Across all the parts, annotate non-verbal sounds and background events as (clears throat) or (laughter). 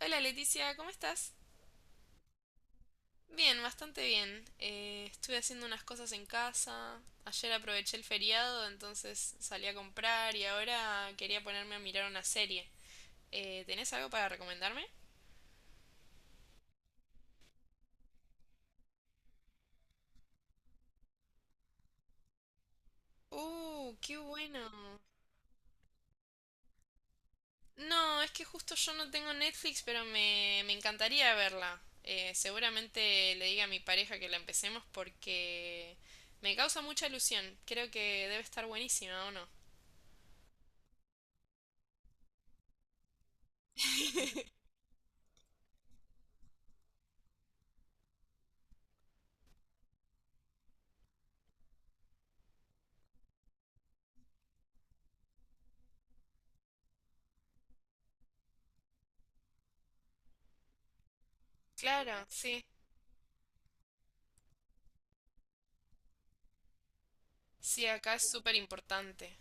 Hola Leticia, ¿cómo estás? Bien, bastante bien. Estuve haciendo unas cosas en casa. Ayer aproveché el feriado, entonces salí a comprar y ahora quería ponerme a mirar una serie. ¿Tenés algo para recomendarme? ¡Uh, qué bueno! No, es que justo yo no tengo Netflix, pero me encantaría verla. Seguramente le diga a mi pareja que la empecemos porque me causa mucha ilusión. Creo que debe estar buenísima, ¿o no? (laughs) Claro, sí. Sí, acá es súper importante.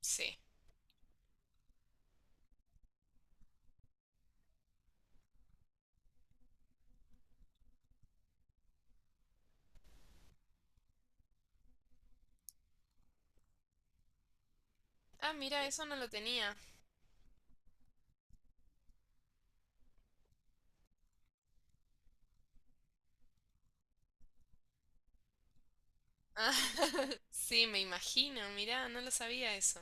Sí. Ah, mira, eso no lo tenía. Ah, (laughs) sí, me imagino. Mira, no lo sabía eso.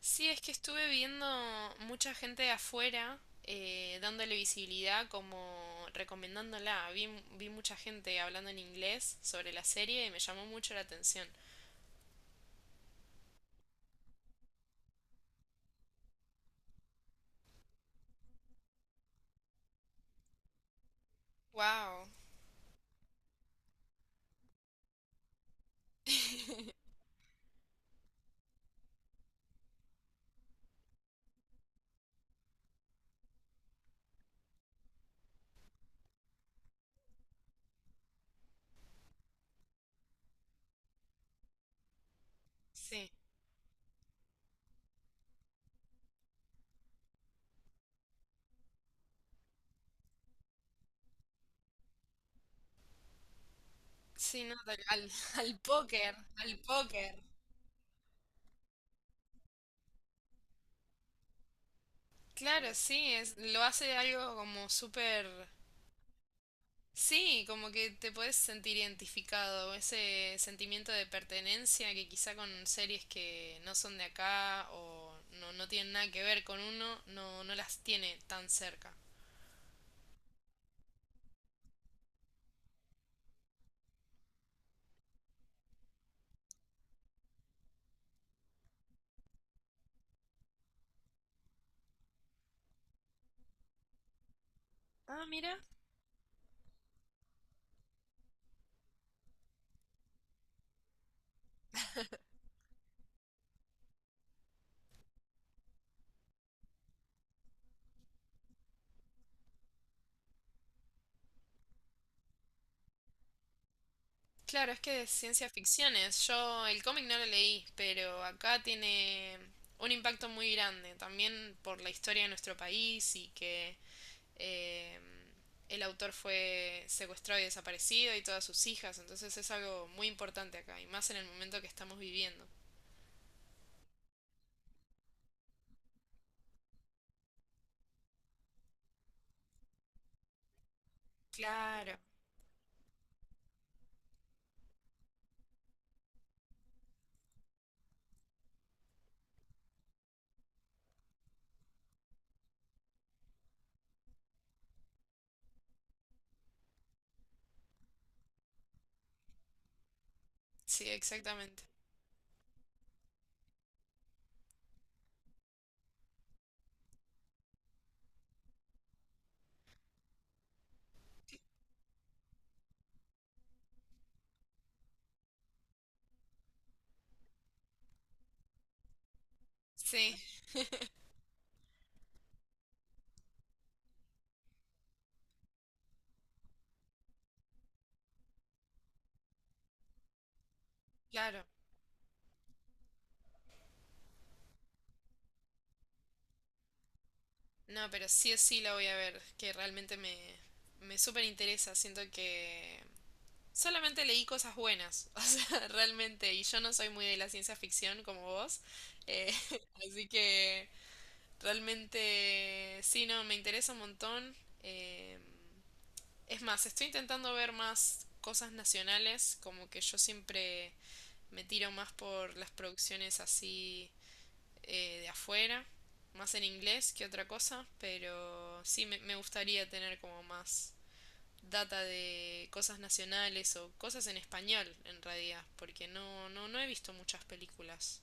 Sí, es que estuve viendo mucha gente de afuera dándole visibilidad, como recomendándola. Vi mucha gente hablando en inglés sobre la serie y me llamó mucho la atención. Wow. (laughs) Sí. Sí, no, al póker, al póker. Claro, sí, es, lo hace algo como súper. Sí, como que te puedes sentir identificado, ese sentimiento de pertenencia que quizá con series que no son de acá o no, no tienen nada que ver con uno, no, no las tiene tan cerca. Ah, mira. Claro, es que de ciencia ficción es. Yo el cómic no lo leí, pero acá tiene un impacto muy grande, también por la historia de nuestro país y que eh, el autor fue secuestrado y desaparecido y todas sus hijas, entonces es algo muy importante acá, y más en el momento que estamos viviendo. Claro. Sí, exactamente. Sí, claro. No, pero sí o sí la voy a ver, que realmente me súper interesa. Siento que solamente leí cosas buenas, (laughs) o sea, realmente, y yo no soy muy de la ciencia ficción como vos, eh, (laughs) así que realmente sí, no, me interesa un montón. eh, Es más, estoy intentando ver más cosas nacionales, como que yo siempre me tiro más por las producciones así, de afuera, más en inglés que otra cosa, pero sí me gustaría tener como más data de cosas nacionales o cosas en español en realidad, porque no he visto muchas películas.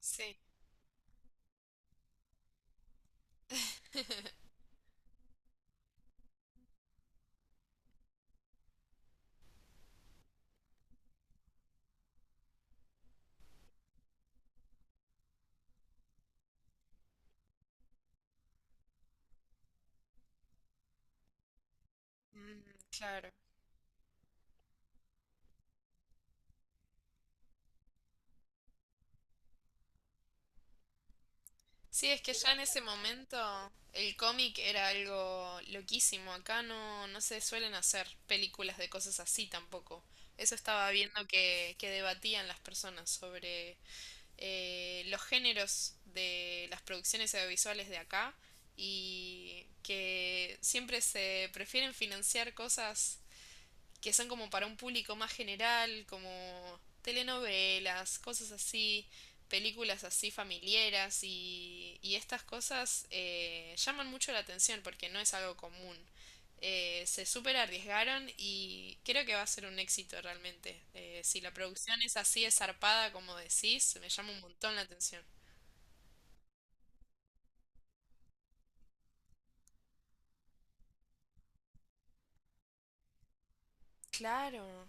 Sí. (laughs) Mm, claro. Sí, es que ya en ese momento el cómic era algo loquísimo. Acá no se suelen hacer películas de cosas así tampoco. Eso estaba viendo que debatían las personas sobre los géneros de las producciones audiovisuales de acá y que siempre se prefieren financiar cosas que son como para un público más general, como telenovelas, cosas así, películas así familiares y estas cosas llaman mucho la atención porque no es algo común. Se súper arriesgaron y creo que va a ser un éxito realmente. Si la producción es así, es zarpada, como decís, me llama un montón la atención. Claro.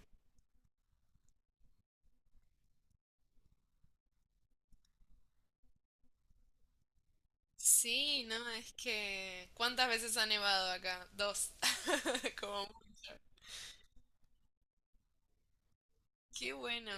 Sí, no, es que… ¿Cuántas veces ha nevado acá? Dos. (laughs) Como, qué bueno.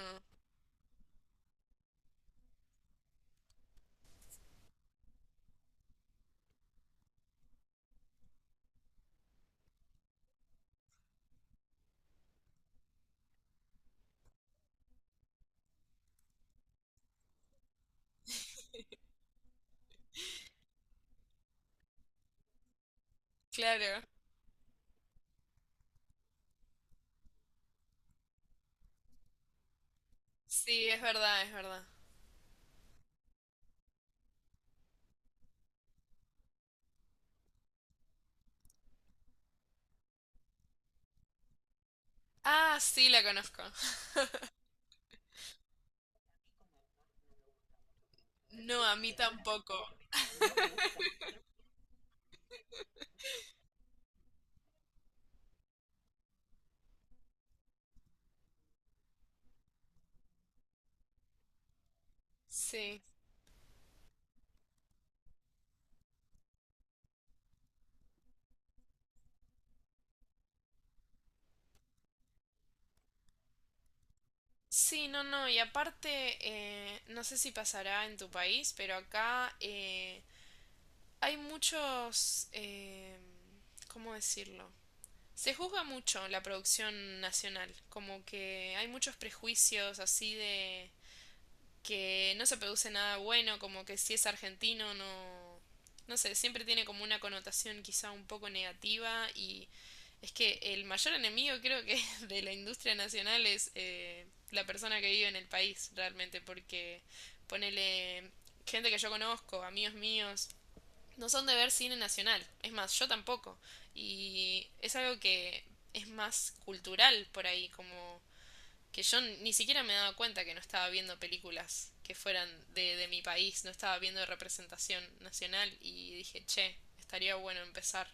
Claro. Sí, es verdad, es verdad. Ah, sí, la conozco. (laughs) No, a mí tampoco. Sí. Sí, no, no. Y aparte, no sé si pasará en tu país, pero acá hay muchos… ¿cómo decirlo? Se juzga mucho la producción nacional, como que hay muchos prejuicios así de… que no se produce nada bueno, como que si es argentino no, no sé, siempre tiene como una connotación quizá un poco negativa y es que el mayor enemigo creo que (laughs) de la industria nacional es la persona que vive en el país realmente, porque ponele gente que yo conozco, amigos míos, no son de ver cine nacional, es más, yo tampoco, y es algo que es más cultural por ahí, como que yo ni siquiera me daba cuenta que no estaba viendo películas que fueran de mi país, no estaba viendo representación nacional y dije, che, estaría bueno empezar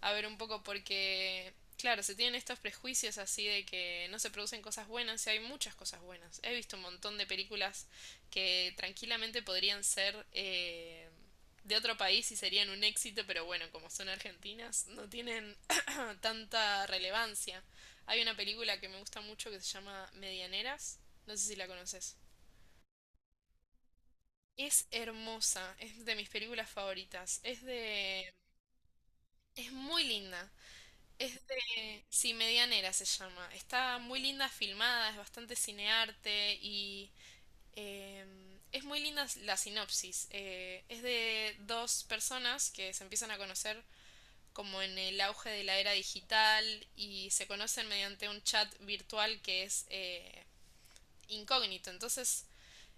a ver un poco porque, claro, se tienen estos prejuicios así de que no se producen cosas buenas y hay muchas cosas buenas. He visto un montón de películas que tranquilamente podrían ser de otro país y serían un éxito, pero bueno, como son argentinas, no tienen (clears throat) tanta relevancia. Hay una película que me gusta mucho que se llama Medianeras, no sé si la conoces. Es hermosa, es de mis películas favoritas, es de… es muy linda. Es de, sí, Medianera se llama. Está muy linda filmada, es bastante cinearte y eh, es muy linda la sinopsis. Es de dos personas que se empiezan a conocer como en el auge de la era digital y se conocen mediante un chat virtual que es incógnito. Entonces,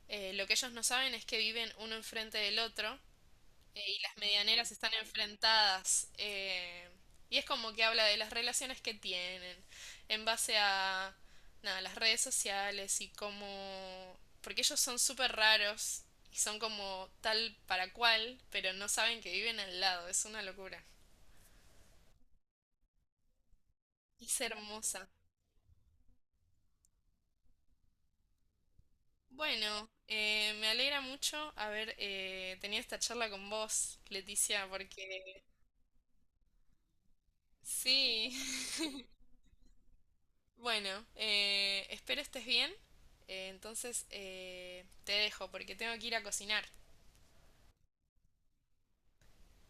lo que ellos no saben es que viven uno enfrente del otro, y las medianeras están enfrentadas. Y es como que habla de las relaciones que tienen en base a nada, las redes sociales y cómo… Porque ellos son súper raros y son como tal para cual, pero no saben que viven al lado. Es una locura. Es hermosa. Bueno, me alegra mucho haber tenido esta charla con vos, Leticia, porque sí. (laughs) Bueno, espero estés bien. Entonces te dejo porque tengo que ir a cocinar.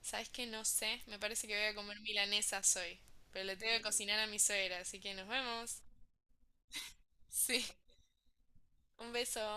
¿Sabes qué? No sé. Me parece que voy a comer milanesas hoy. Pero le tengo que cocinar a mi suegra, así que nos vemos. Sí, un beso.